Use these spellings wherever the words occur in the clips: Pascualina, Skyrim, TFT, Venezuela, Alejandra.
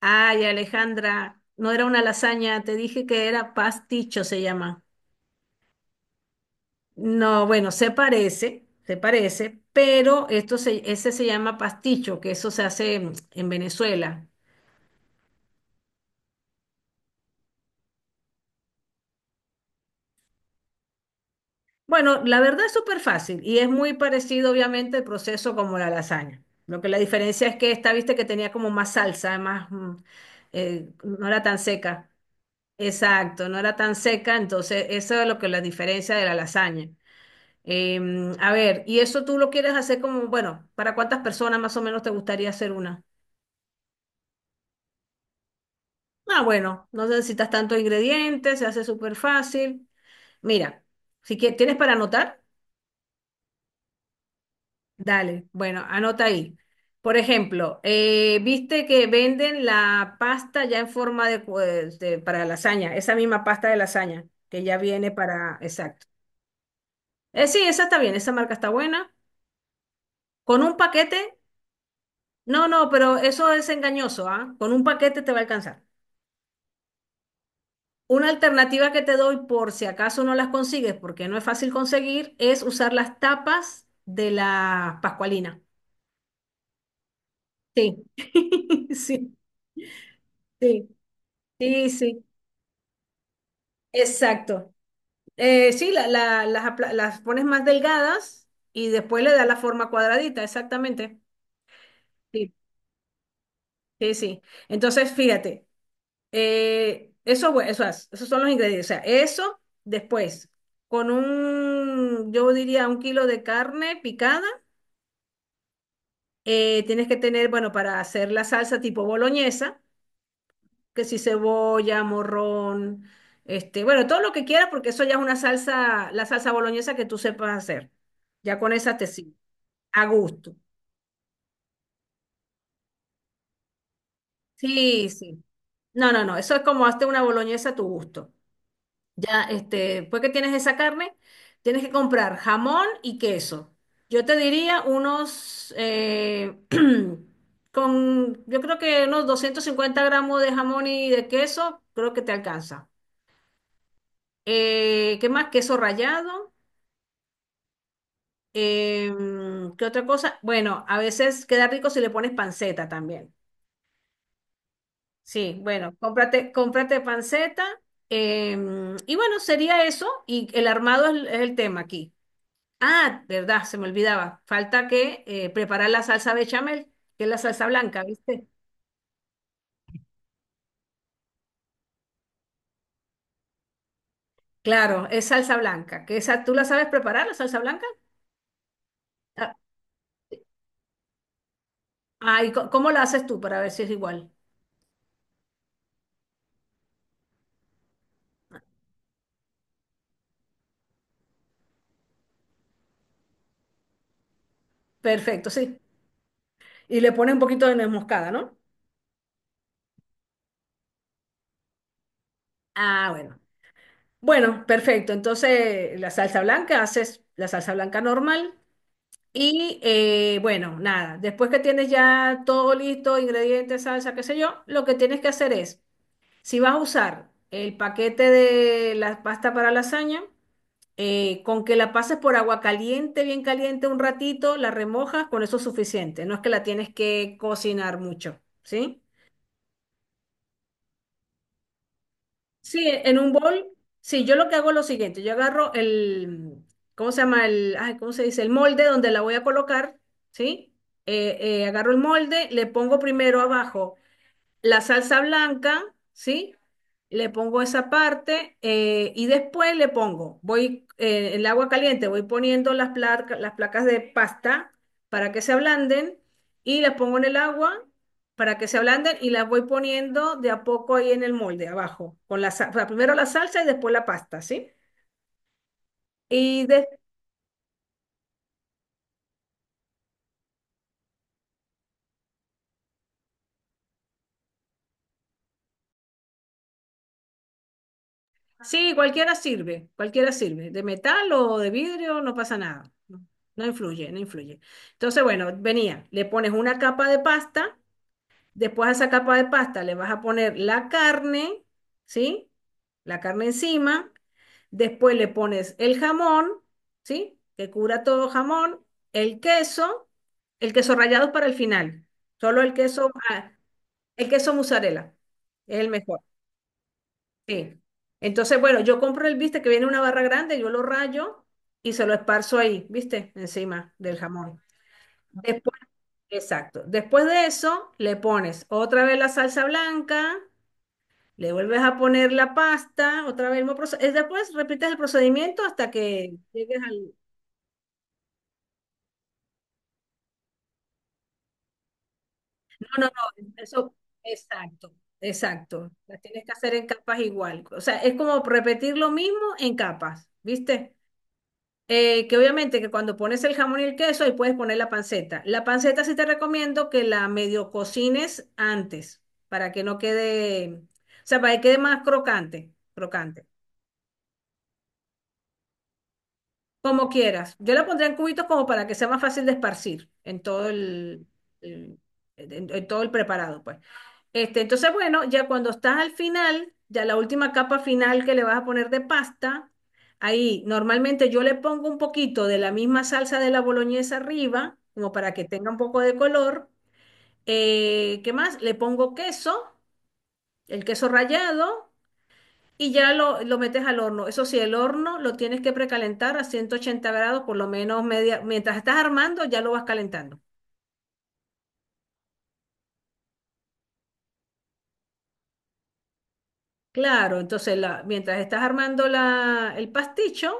Ay, Alejandra, no era una lasaña, te dije que era pasticho, se llama. No, bueno, se parece, pero ese se llama pasticho, que eso se hace en Venezuela. Bueno, la verdad es súper fácil y es muy parecido, obviamente, el proceso como la lasaña. Lo que la diferencia es que esta, viste, que tenía como más salsa, más, no era tan seca. Exacto, no era tan seca, entonces eso es lo que la diferencia de la lasaña. A ver, y eso tú lo quieres hacer como, bueno, ¿para cuántas personas más o menos te gustaría hacer una? Ah, bueno, no necesitas tantos ingredientes, se hace súper fácil. Mira, si quieres, tienes para anotar, dale, bueno, anota ahí. Por ejemplo, viste que venden la pasta ya en forma de, para lasaña, esa misma pasta de lasaña que ya viene para, exacto. Sí, esa está bien, esa marca está buena. Con un paquete, no, no, pero eso es engañoso, ¿ah? Con un paquete te va a alcanzar. Una alternativa que te doy por si acaso no las consigues, porque no es fácil conseguir, es usar las tapas de la Pascualina. Sí, sí, sí, sí, sí, exacto. Sí, las, las pones más delgadas y después le das la forma cuadradita, exactamente. Sí, sí, sí. Entonces, fíjate, eso, eso esos son los ingredientes. O sea, eso después, con un, yo diría, 1 kilo de carne picada. Tienes que tener, bueno, para hacer la salsa tipo boloñesa, que si cebolla, morrón, este, bueno, todo lo que quieras, porque eso ya es una salsa, la salsa boloñesa que tú sepas hacer. Ya con esa te sirve. A gusto. Sí, sí. No, no, no, eso es como hazte una boloñesa a tu gusto. Ya, este, después que tienes esa carne, tienes que comprar jamón y queso. Yo te diría unos, con, yo creo que unos 250 gramos de jamón y de queso, creo que te alcanza. ¿Qué más? Queso rallado. eh, ¿Qué otra cosa? Bueno, a veces queda rico si le pones panceta también. Sí, bueno, cómprate, cómprate panceta. eh, y bueno, sería eso. Y el armado es el tema aquí. Ah, verdad, se me olvidaba. Falta que preparar la salsa bechamel, que es la salsa blanca, ¿viste? Claro, es salsa blanca. Que esa, ¿tú la sabes preparar, la salsa blanca? Ah, ¿Y cómo la haces tú para ver si es igual? Perfecto, sí. Y le pone un poquito de nuez moscada, ¿no? Ah, bueno. Bueno, perfecto. Entonces, la salsa blanca, haces la salsa blanca normal. Y bueno, nada, después que tienes ya todo listo, ingredientes, salsa, qué sé yo, lo que tienes que hacer es: si vas a usar el paquete de la pasta para lasaña, con que la pases por agua caliente, bien caliente un ratito, la remojas, con eso es suficiente. No es que la tienes que cocinar mucho, ¿sí? Sí, en un bol, sí, yo lo que hago es lo siguiente, yo agarro el, ¿cómo se llama? El, ay, ¿cómo se dice? El molde donde la voy a colocar, ¿sí? Agarro el molde, le pongo primero abajo la salsa blanca, ¿sí? Le pongo esa parte y después le pongo, voy, el agua caliente, voy poniendo las placas de pasta para que se ablanden y las pongo en el agua para que se ablanden y las voy poniendo de a poco ahí en el molde, abajo, con la, o sea, primero la salsa y después la pasta, ¿sí? Y sí, cualquiera sirve, de metal o de vidrio, no pasa nada, no, no influye, no influye. Entonces, bueno, venía, le pones una capa de pasta, después a esa capa de pasta le vas a poner la carne, ¿sí? La carne encima, después le pones el jamón, ¿sí? Que cura todo jamón, el queso, el queso rallado es para el final, solo el queso, ah, el queso mozzarella, es el mejor. Sí. Entonces, bueno, yo compro el, viste, que viene una barra grande, yo lo rayo y se lo esparzo ahí, viste, encima del jamón. Después, exacto. Después de eso, le pones otra vez la salsa blanca, le vuelves a poner la pasta, otra vez el mismo proceso. Después repites el procedimiento hasta que llegues al... No, no, no, eso, exacto, exacto. Las tienes que hacer en capas igual. O sea, es como repetir lo mismo en capas, ¿viste? Que obviamente que cuando pones el jamón y el queso, ahí puedes poner la panceta. La panceta sí te recomiendo que la medio cocines antes, para que no quede, o sea, para que quede más crocante, crocante, como quieras. Yo la pondré en cubitos como para que sea más fácil de esparcir en todo el, el- en todo el preparado, pues. Este, entonces, bueno, ya cuando estás al final, ya la última capa final que le vas a poner de pasta, ahí normalmente yo le pongo un poquito de la misma salsa de la boloñesa arriba, como para que tenga un poco de color. ¿Qué más? Le pongo queso, el queso rallado, y ya lo metes al horno. Eso sí, el horno lo tienes que precalentar a 180 grados, por lo menos media, mientras estás armando, ya lo vas calentando. Claro, entonces la, mientras estás armando la, el pasticho,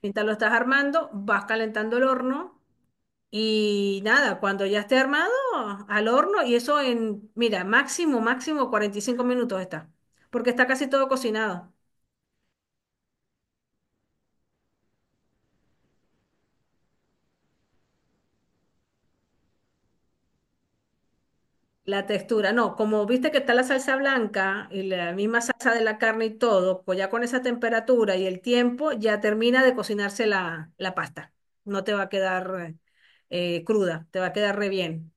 mientras lo estás armando, vas calentando el horno y nada, cuando ya esté armado, al horno y eso en, mira, máximo, máximo 45 minutos está, porque está casi todo cocinado. La textura, no, como viste que está la salsa blanca y la misma salsa de la carne y todo, pues ya con esa temperatura y el tiempo ya termina de cocinarse la, la pasta. No te va a quedar cruda, te va a quedar re bien.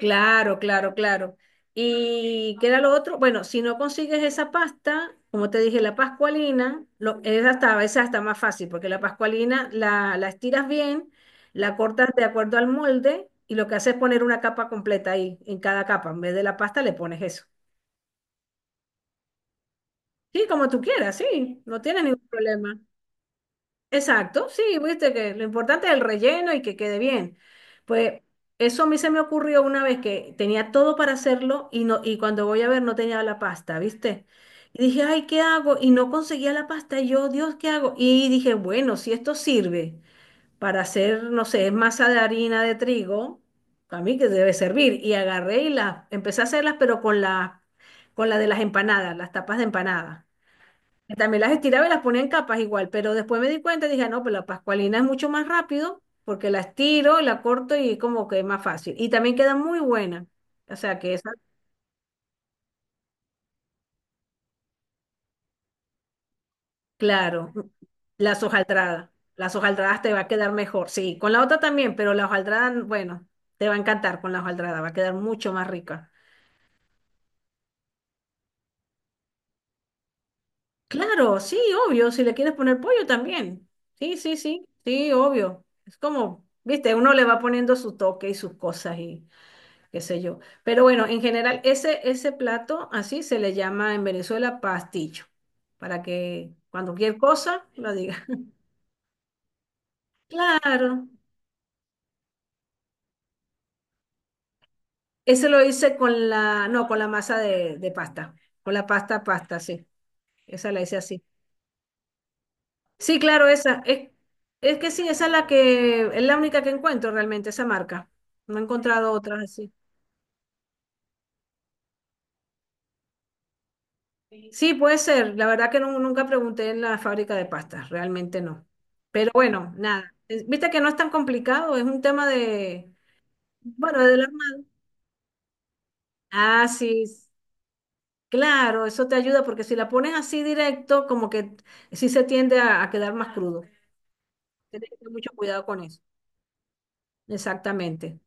Claro, claro, claro. ¿Y qué era lo otro? Bueno, si no consigues esa pasta, como te dije, la pascualina, lo, es hasta, a veces hasta más fácil, porque la pascualina la, la estiras bien, la cortas de acuerdo al molde y lo que hace es poner una capa completa ahí, en cada capa. En vez de la pasta le pones eso. Sí, como tú quieras, sí, no tienes ningún problema. Exacto, sí, viste que lo importante es el relleno y que quede bien. Pues eso a mí se me ocurrió una vez que tenía todo para hacerlo y no y cuando voy a ver no tenía la pasta, ¿viste? Y dije, "Ay, ¿qué hago?" Y no conseguía la pasta. Y yo, "Dios, ¿qué hago?" Y dije, "Bueno, si esto sirve para hacer, no sé, masa de harina de trigo, a mí que debe servir." Y agarré y las empecé a hacerlas, pero con la de las empanadas, las tapas de empanada que también las estiraba y las ponía en capas igual, pero después me di cuenta y dije, "Ah, no, pues la pascualina es mucho más rápido porque la estiro, la corto y como que es más fácil. Y también queda muy buena. O sea que esa, claro, las hojaldradas. Las hojaldradas te va a quedar mejor. Sí, con la otra también, pero la hojaldrada, bueno, te va a encantar con la hojaldrada, va a quedar mucho más rica. Claro, sí, obvio, si le quieres poner pollo también. Sí, sí, sí, sí, obvio. Es como, viste, uno le va poniendo su toque y sus cosas y... qué sé yo. Pero bueno, en general, ese plato así se le llama en Venezuela pastillo, para que cuando cualquier cosa lo diga. Claro, ese lo hice con la, no, con la masa de pasta, con la pasta, pasta, sí, esa la hice así. Sí, claro, esa, es que sí, esa es la que, es la única que encuentro realmente, esa marca. No he encontrado otras así. Sí, puede ser. La verdad que nunca pregunté en la fábrica de pastas, realmente no. Pero bueno, nada. Viste que no es tan complicado, es un tema de, bueno, de la mano. Ah, sí, claro, eso te ayuda porque si la pones así directo, como que sí se tiende a quedar más crudo. Tienes que tener mucho cuidado con eso. Exactamente.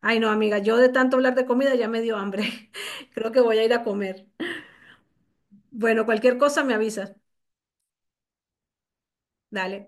Ay, no, amiga, yo de tanto hablar de comida ya me dio hambre. Creo que voy a ir a comer. Bueno, cualquier cosa me avisas. Dale.